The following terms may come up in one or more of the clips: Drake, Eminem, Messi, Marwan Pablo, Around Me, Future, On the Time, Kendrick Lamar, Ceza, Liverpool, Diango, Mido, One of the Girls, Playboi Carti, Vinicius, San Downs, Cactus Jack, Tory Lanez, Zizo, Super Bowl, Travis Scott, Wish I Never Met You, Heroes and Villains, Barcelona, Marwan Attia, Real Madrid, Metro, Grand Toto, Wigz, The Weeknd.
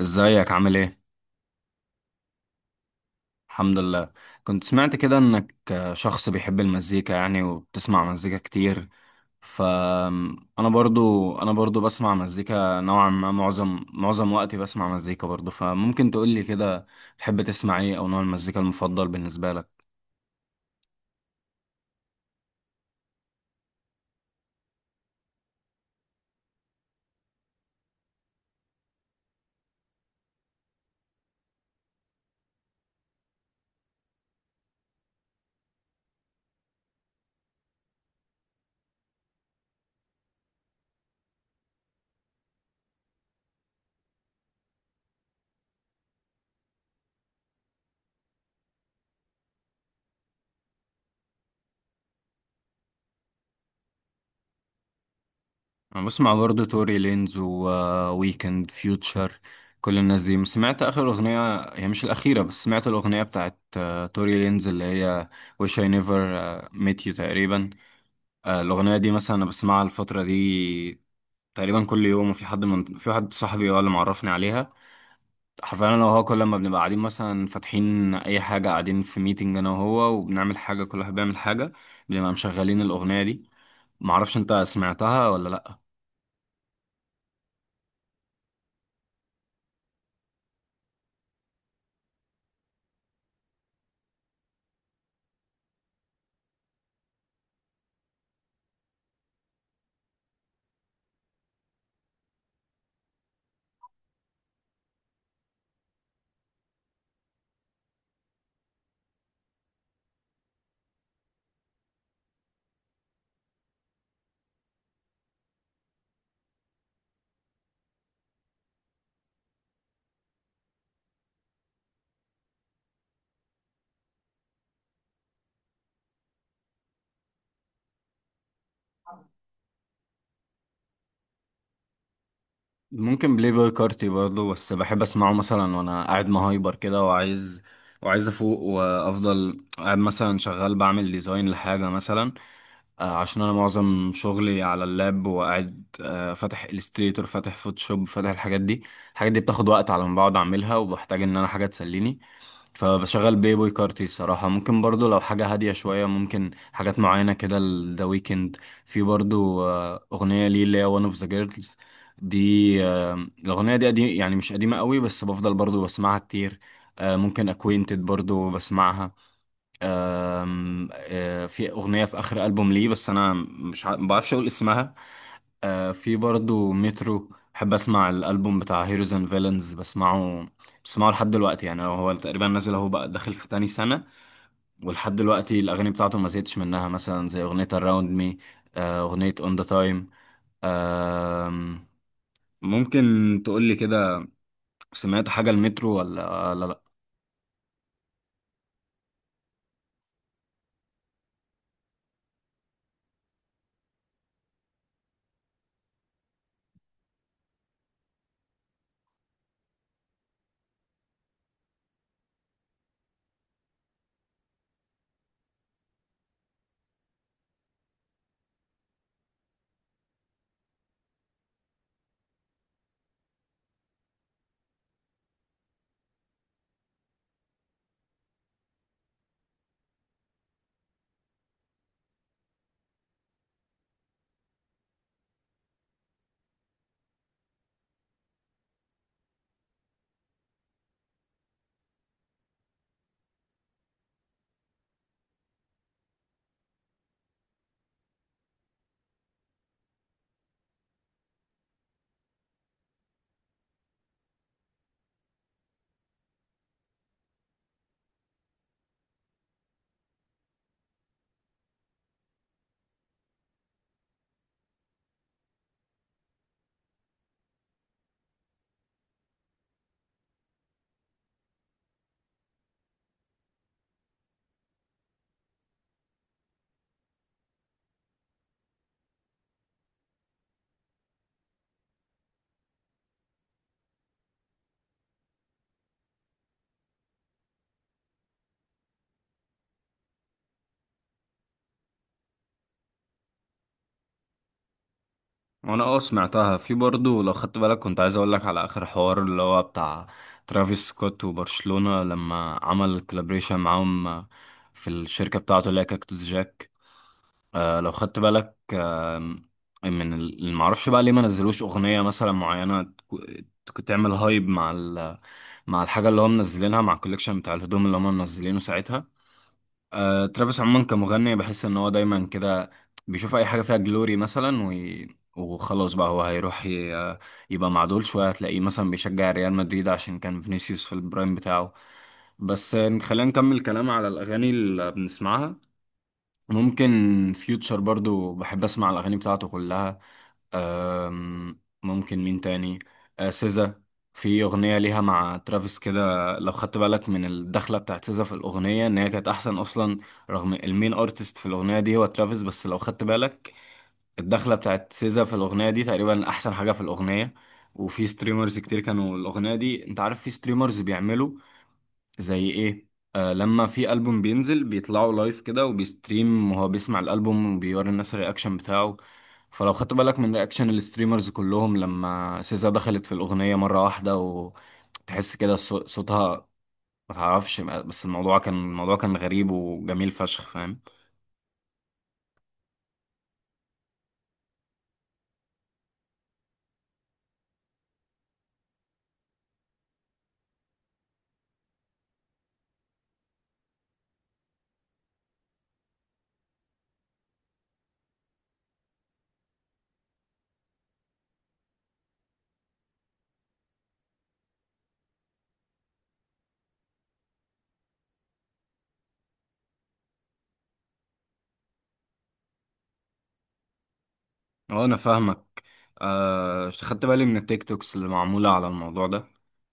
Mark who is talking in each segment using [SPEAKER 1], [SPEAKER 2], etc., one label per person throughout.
[SPEAKER 1] ازيك عامل ايه؟ الحمد لله. كنت سمعت كده انك شخص بيحب المزيكا يعني وبتسمع مزيكا كتير. ف انا برضو بسمع مزيكا نوعا ما، معظم وقتي بسمع مزيكا برضو، فممكن تقول لي كده تحب تسمع ايه، او نوع المزيكا المفضل بالنسبة لك؟ انا بسمع برضو توري لينز وويكند فيوتشر، كل الناس دي سمعت اخر اغنية. هي مش الاخيرة بس سمعت الاغنية بتاعت توري لينز اللي هي Wish I Never Met You تقريبا. الأغنية دي مثلا أنا بسمعها الفترة دي تقريبا كل يوم، وفي حد من في حد صاحبي هو اللي معرفني عليها. حرفيا أنا وهو كل ما بنبقى قاعدين مثلا فاتحين أي حاجة، قاعدين في ميتنج أنا وهو وبنعمل حاجة، كل واحد بيعمل حاجة، بنبقى مشغلين الأغنية دي. معرفش أنت سمعتها ولا لأ؟ ممكن بلاي بوي كارتي برضه، بس بحب اسمعه مثلا وانا قاعد مهايبر كده وعايز افوق وافضل قاعد مثلا شغال بعمل ديزاين لحاجه مثلا، عشان انا معظم شغلي على اللاب وقاعد فاتح الستريتور، فاتح فوتوشوب، فاتح الحاجات دي. الحاجات دي بتاخد وقت على ما بقعد اعملها وبحتاج ان انا حاجه تسليني، فبشغل بلاي بوي كارتي الصراحة. ممكن برضو لو حاجة هادية شوية ممكن حاجات معينة كده، ذا ويكند. في برضو أغنية ليه اللي هي وان اوف ذا جيرلز دي. الأغنية دي قديم يعني، مش قديمة قوي، بس بفضل برضو بسمعها كتير. ممكن اكوينتد برضو بسمعها. آم، آه، في أغنية في آخر ألبوم ليه بس أنا مش ما بعرفش أقول اسمها. في برضو مترو، بحب اسمع الالبوم بتاع هيروز اند فيلنز، بسمعه لحد دلوقتي. يعني لو هو تقريبا نازل اهو بقى داخل في تاني سنة ولحد دلوقتي الاغاني بتاعته ما زهقتش منها، مثلا زي اغنية اراوند مي، اغنية اون ذا تايم. ممكن تقولي كده، سمعت حاجة المترو ولا لا؟ وانا اه سمعتها. في برضه لو خدت بالك كنت عايز اقول لك على اخر حوار اللي هو بتاع ترافيس سكوت وبرشلونة لما عمل كولابريشن معاهم في الشركة بتاعته اللي هي كاكتوس جاك. لو خدت بالك، من اللي معرفش بقى ليه ما نزلوش اغنية مثلا معينة تعمل هايب مع الحاجة اللي هم منزلينها، مع الكوليكشن بتاع الهدوم اللي هم منزلينه ساعتها. ترافيس عموما كمغني بحس ان هو دايما كده بيشوف اي حاجه فيها جلوري مثلا وخلاص بقى هو هيروح يبقى مع دول شويه، هتلاقيه مثلا بيشجع ريال مدريد عشان كان فينيسيوس في البرايم بتاعه. بس خلينا نكمل كلام على الاغاني اللي بنسمعها. ممكن فيوتشر برضو بحب اسمع الاغاني بتاعته كلها. ممكن مين تاني؟ سيزا. في اغنيه ليها مع ترافيس كده، لو خدت بالك من الدخله بتاعت سيزا في الاغنيه، ان هي كانت احسن اصلا. رغم المين ارتست في الاغنيه دي هو ترافيس، بس لو خدت بالك الدخله بتاعت سيزا في الاغنيه دي تقريبا احسن حاجه في الاغنيه. وفي ستريمرز كتير كانوا الاغنيه دي، انت عارف في ستريمرز بيعملوا زي ايه؟ لما في ألبوم بينزل بيطلعوا لايف كده وبيستريم وهو بيسمع الألبوم وبيوري الناس الرياكشن بتاعه. فلو خدت بالك من رياكشن الستريمرز كلهم لما سيزا دخلت في الأغنية مرة واحدة، وتحس كده صوتها ما تعرفش، بس الموضوع كان غريب وجميل فشخ، فاهم. اه انا فاهمك. خدت بالي من التيك توكس اللي معمولة على الموضوع ده.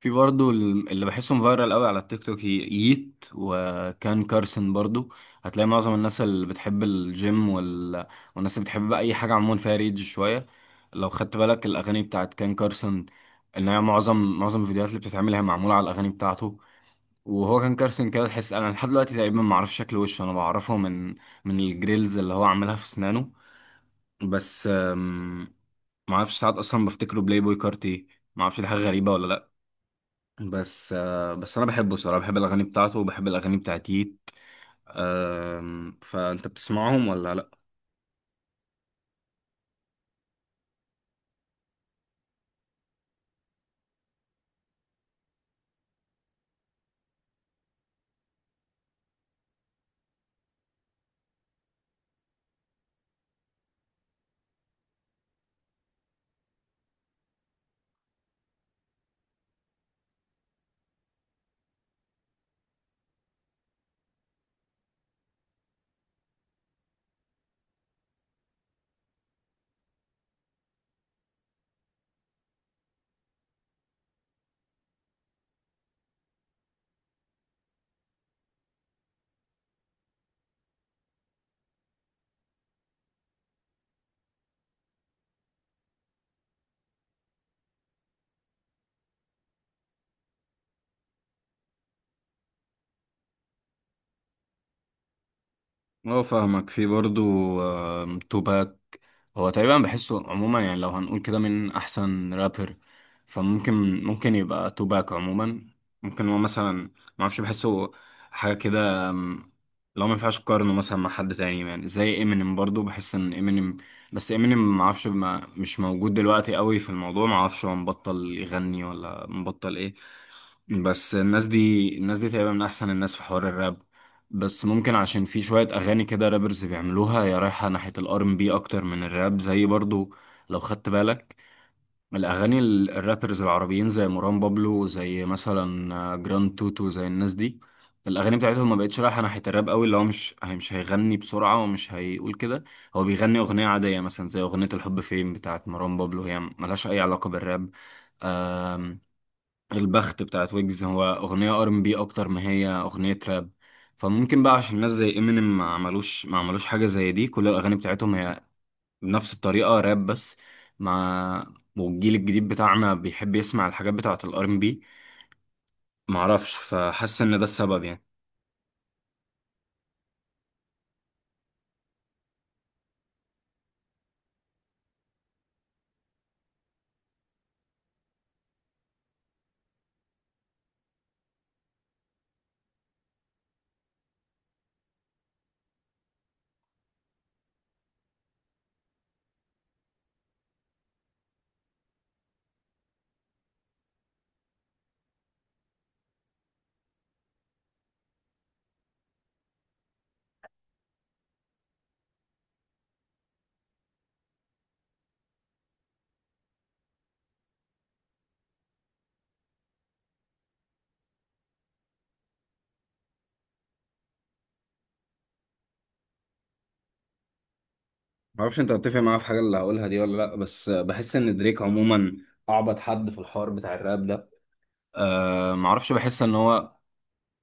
[SPEAKER 1] في برضو اللي بحسهم فايرال قوي على التيك توك، ييت وكان كارسن برضو. هتلاقي معظم الناس اللي بتحب الجيم والناس اللي بتحب بقى اي حاجة عموما فيها ريدج شوية، لو خدت بالك الاغاني بتاعت كان كارسن ان هي معظم الفيديوهات اللي بتتعمل هي معمولة على الاغاني بتاعته. وهو كان كارسن كده، تحس انا لحد دلوقتي تقريبا ما اعرفش شكل وشه، انا بعرفه من الجريلز اللي هو عاملها في اسنانه بس. ما اعرفش ساعات اصلا بفتكره بلاي بوي كارتي، ما اعرفش دي حاجه غريبه ولا لا. بس انا بحبه صراحه، بحب الاغاني بتاعته وبحب الاغاني بتاعتيت. فانت بتسمعهم ولا لا؟ اه فاهمك. في برضو توباك. هو تقريبا بحسه عموما، يعني لو هنقول كده من احسن رابر، فممكن يبقى توباك عموما. ممكن هو مثلا ما اعرفش بحسه حاجه كده. لو ما ينفعش اقارنه مثلا مع حد تاني، يعني زي امينيم، برضو بحس ان امينيم، بس امينيم ما اعرفش مش موجود دلوقتي قوي في الموضوع، ما اعرفش هو مبطل يغني ولا مبطل ايه. بس الناس دي تقريبا من احسن الناس في حوار الراب. بس ممكن عشان في شوية اغاني كده رابرز بيعملوها يا رايحة ناحية الار ام بي اكتر من الراب، زي برضو لو خدت بالك الاغاني الرابرز العربيين زي مروان بابلو، زي مثلا جراند توتو، زي الناس دي، الاغاني بتاعتهم ما بقتش رايحة ناحية الراب قوي، اللي هو مش مش هيغني بسرعة ومش هيقول كده، هو بيغني اغنية عادية مثلا زي اغنية الحب فين بتاعت مروان بابلو، هي ملهاش اي علاقة بالراب. البخت بتاعت ويجز هو اغنيه ار ام بي اكتر ما هي اغنيه راب. فممكن بقى عشان ناس زي امينيم ما عملوش حاجه زي دي، كل الاغاني بتاعتهم هي بنفس الطريقه راب بس، مع والجيل الجديد بتاعنا بيحب يسمع الحاجات بتاعت الار ام بي، معرفش، فحاسس ان ده السبب يعني. معرفش انت هتتفق معايا في حاجه اللي هقولها دي ولا لا، بس بحس ان دريك عموما اعبط حد في الحوار بتاع الراب ده. معرفش بحس ان هو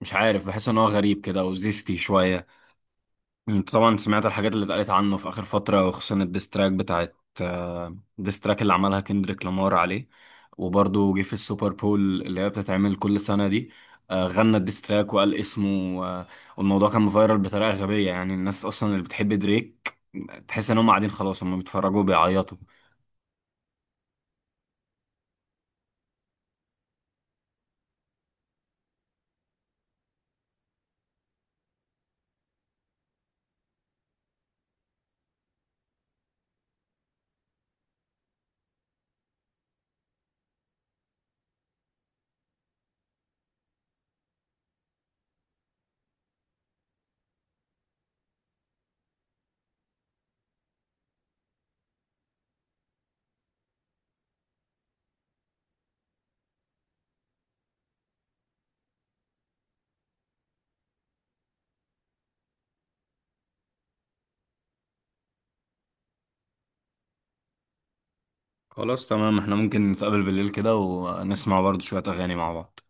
[SPEAKER 1] مش عارف بحس ان هو غريب كده وزيستي شويه. يعني انت طبعا سمعت الحاجات اللي اتقالت عنه في اخر فتره، وخصوصا الديستراك بتاعت آه، الديستراك اللي عملها كندريك لامار عليه. وبرضه جه في السوبر بول اللي هي بتتعمل كل سنه دي، غنى الديستراك وقال اسمه. آه، والموضوع كان مفيرال بطريقه غبيه، يعني الناس اصلا اللي بتحب دريك تحس ان هم قاعدين خلاص، هم بيتفرجوا بيعيطوا. خلاص تمام، احنا ممكن نتقابل بالليل كده ونسمع برضه شويه اغاني مع بعض.